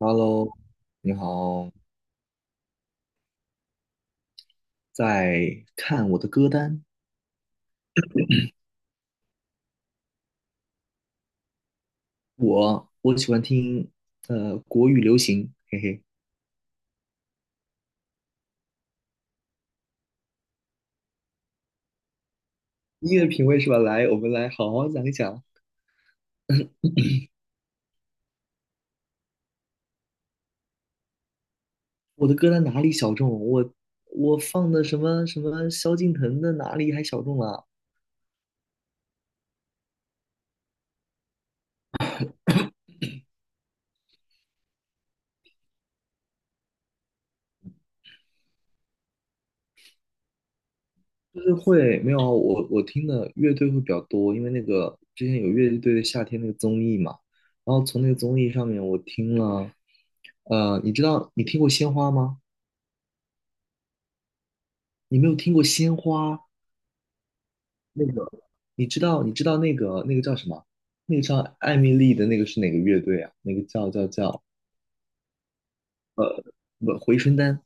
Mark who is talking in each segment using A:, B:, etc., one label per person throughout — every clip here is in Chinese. A: Hello，你好。在看我的歌单，我喜欢听国语流行，嘿嘿，音乐品味是吧？来，我们来好好讲一讲我的歌单哪里小众？我放的什么萧敬腾的哪里还小众啊？就是会没有啊我听的乐队会比较多，因为那个之前有乐队的夏天那个综艺嘛，然后从那个综艺上面我听了，你知道你听过鲜花吗？你没有听过鲜花？那个，你知道那个叫什么？那个叫艾米丽的那个是哪个乐队啊？那个叫不回春丹。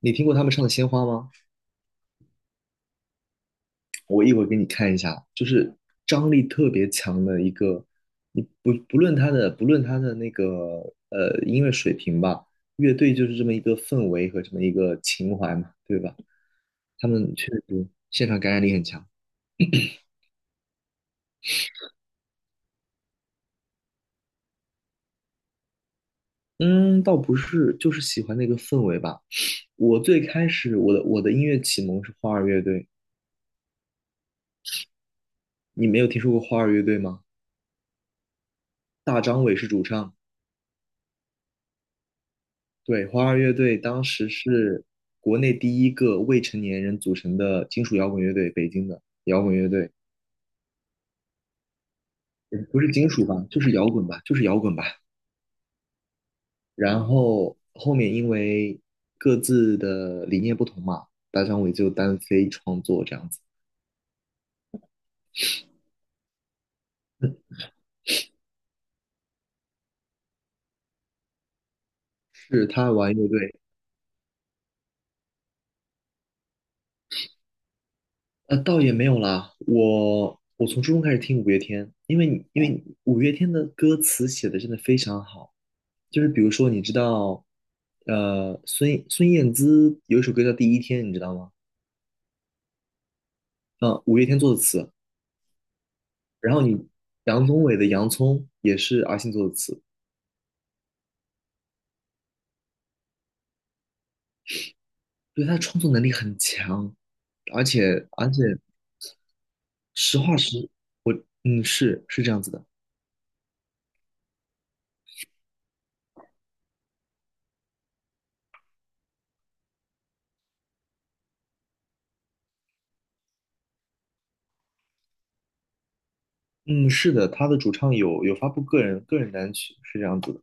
A: 你听过他们唱的《鲜花》吗？我一会儿给你看一下，就是张力特别强的一个，你不论他的那个音乐水平吧，乐队就是这么一个氛围和这么一个情怀嘛，对吧？他们确实现场感染力很强。嗯，倒不是，就是喜欢那个氛围吧。我最开始我的音乐启蒙是花儿乐队，你没有听说过花儿乐队吗？大张伟是主唱，对，花儿乐队当时是国内第一个未成年人组成的金属摇滚乐队，北京的摇滚乐队，不是金属吧，就是摇滚吧，就是摇滚吧。然后后面因为各自的理念不同嘛，大张伟就单飞创作这样子，是他玩乐队，倒也没有啦。我从初中开始听五月天，因为五月天的歌词写的真的非常好。就是比如说，你知道，孙燕姿有一首歌叫《第一天》，你知道吗？嗯，五月天做的词。然后杨宗纬的《洋葱》也是阿信做的词，对，他的创作能力很强，而且实话实，是这样子的。嗯，是的，他的主唱有发布个人单曲，是这样子的。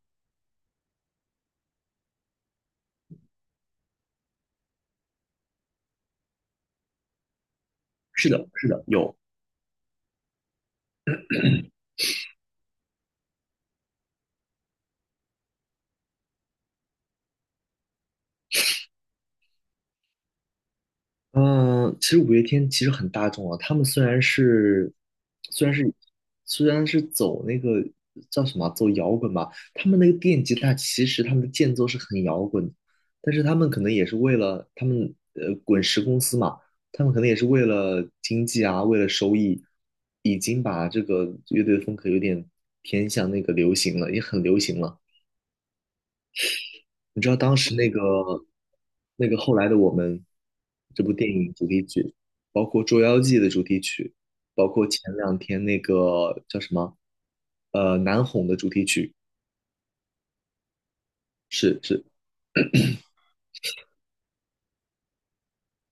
A: 是的，是的，有。嗯，其实五月天其实很大众啊。他们虽然是，虽然是走那个叫什么啊，走摇滚吧，他们那个电吉他其实他们的间奏是很摇滚的，但是他们可能也是为了他们滚石公司嘛，他们可能也是为了经济啊，为了收益，已经把这个乐队的风格有点偏向那个流行了，也很流行了。你知道当时那个后来的我们》这部电影主题曲，包括《捉妖记》的主题曲，包括前两天那个叫什么《难哄》的主题曲，是是，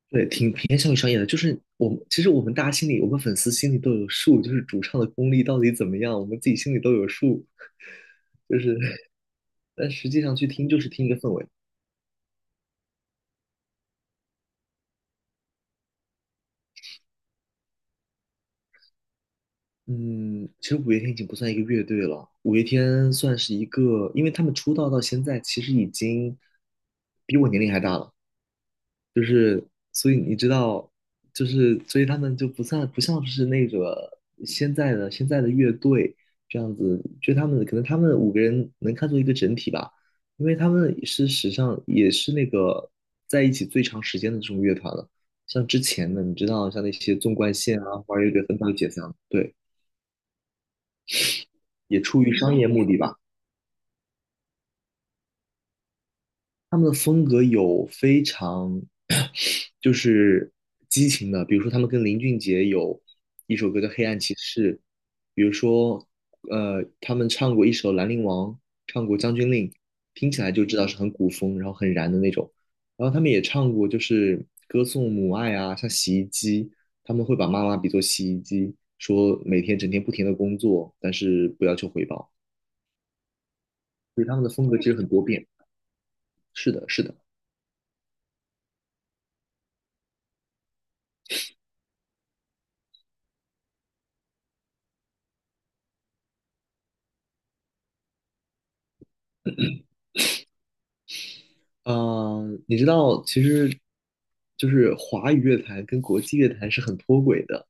A: 对，挺偏向于商业的。就是我们其实我们大家心里，我们粉丝心里都有数，就是主唱的功力到底怎么样，我们自己心里都有数。就是，但实际上去听就是听一个氛围。嗯，其实五月天已经不算一个乐队了，五月天算是一个，因为他们出道到现在，其实已经比我年龄还大了，就是所以你知道，就是所以他们就不像是那个现在的乐队这样子，就他们五个人能看作一个整体吧，因为他们是史上也是那个在一起最长时间的这种乐团了，像之前的你知道像那些纵贯线啊，花儿乐队很早就解散了，对。也出于商业目的吧。他们的风格有非常 就是激情的，比如说他们跟林俊杰有一首歌叫《黑暗骑士》，比如说他们唱过一首《兰陵王》，唱过《将军令》，听起来就知道是很古风，然后很燃的那种。然后他们也唱过，就是歌颂母爱啊，像洗衣机，他们会把妈妈比作洗衣机，说每天整天不停的工作，但是不要求回报。所以他们的风格其实很多变。是的，是的。嗯，你知道，其实就是华语乐坛跟国际乐坛是很脱轨的。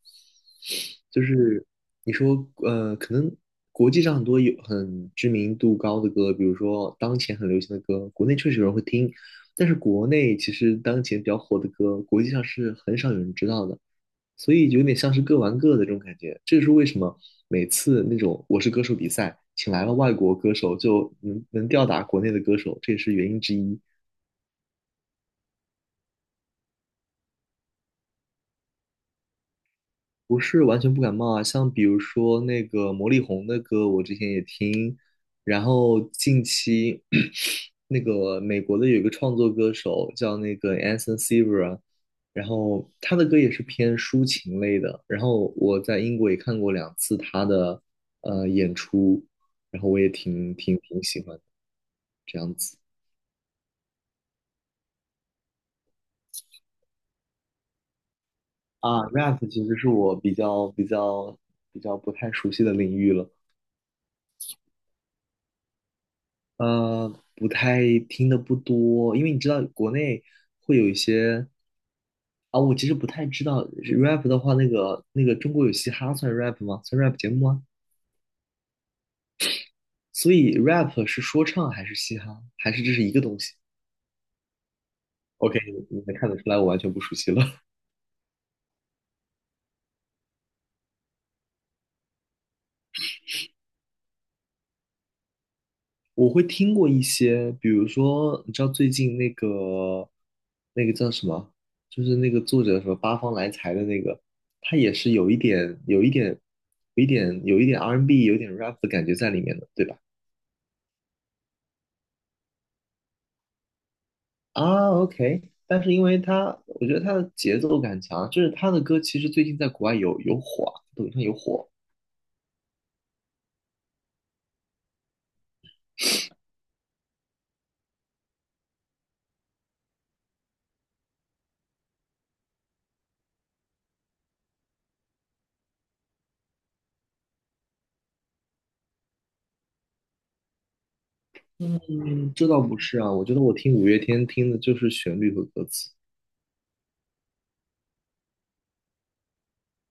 A: 就是你说，可能国际上很多有很知名度高的歌，比如说当前很流行的歌，国内确实有人会听，但是国内其实当前比较火的歌，国际上是很少有人知道的，所以有点像是各玩各的这种感觉。这是为什么每次那种《我是歌手》比赛，请来了外国歌手，就能吊打国内的歌手，这也是原因之一。不是完全不感冒啊，像比如说那个魔力红的歌，我之前也听，然后近期 那个美国的有一个创作歌手叫那个 Anson Sever，然后他的歌也是偏抒情类的，然后我在英国也看过两次他的演出，然后我也挺喜欢的这样子啊，rap 其实是我比较不太熟悉的领域了。呃，不太，听的不多，因为你知道国内会有一些啊，我其实不太知道 rap 的话，那个中国有嘻哈算 rap 吗？算 rap 节目吗？所以 rap 是说唱还是嘻哈，还是这是一个东西？OK，你能看得出来我完全不熟悉了。我会听过一些，比如说，你知道最近那个叫什么，就是那个作者什么八方来财的那个，他也是有一点 R&B n 有一点 rap 的感觉在里面的，对吧？啊，OK，但是因为他，我觉得他的节奏感强，就是他的歌其实最近在国外有火啊，抖音上有火。嗯，这倒不是啊，我觉得我听五月天听的就是旋律和歌词。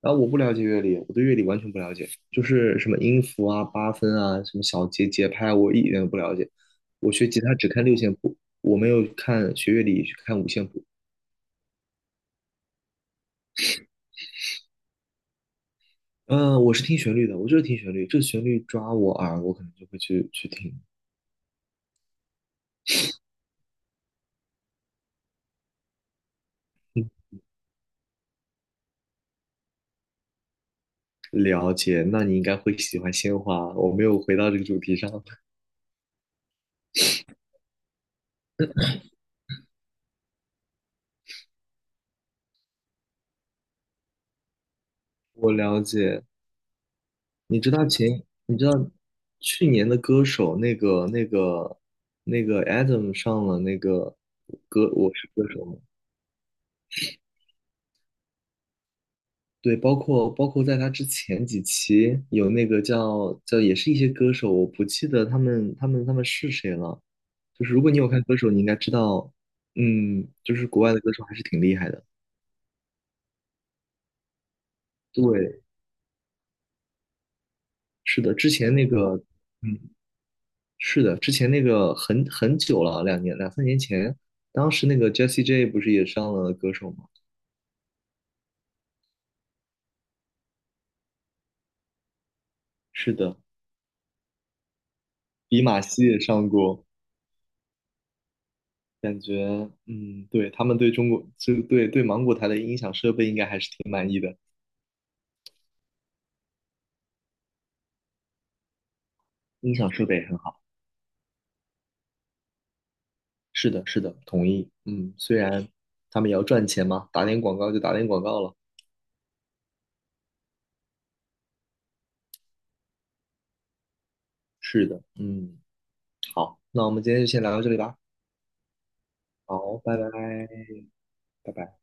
A: 然后我不了解乐理，我对乐理完全不了解，就是什么音符啊、八分啊、什么小节、节拍，我一点都不了解。我学吉他只看六线谱，我没有看学乐理去看五线谱。嗯，我是听旋律的，我就是听旋律，这旋律抓我耳，我可能就会去听。了解，那你应该会喜欢鲜花。我没有回到这个主题上。你知道前，你知道去年的歌手那个 Adam 上了那个歌《我是歌手》吗？对，包括在他之前几期有那个叫也是一些歌手，我不记得他们是谁了。就是如果你有看歌手，你应该知道，就是国外的歌手还是挺厉害的。对，是的，之前那个，嗯，是的，之前那个很久了，两三年前，当时那个 Jessie J 不是也上了歌手吗？是的，比马西也上过，感觉嗯，对，他们对中国就对芒果台的音响设备应该还是挺满意的。音响设备很好，是的，是的，同意。嗯，虽然他们也要赚钱嘛，打点广告就打点广告了。是的，嗯，好，那我们今天就先聊到这里吧。好，拜拜，拜拜。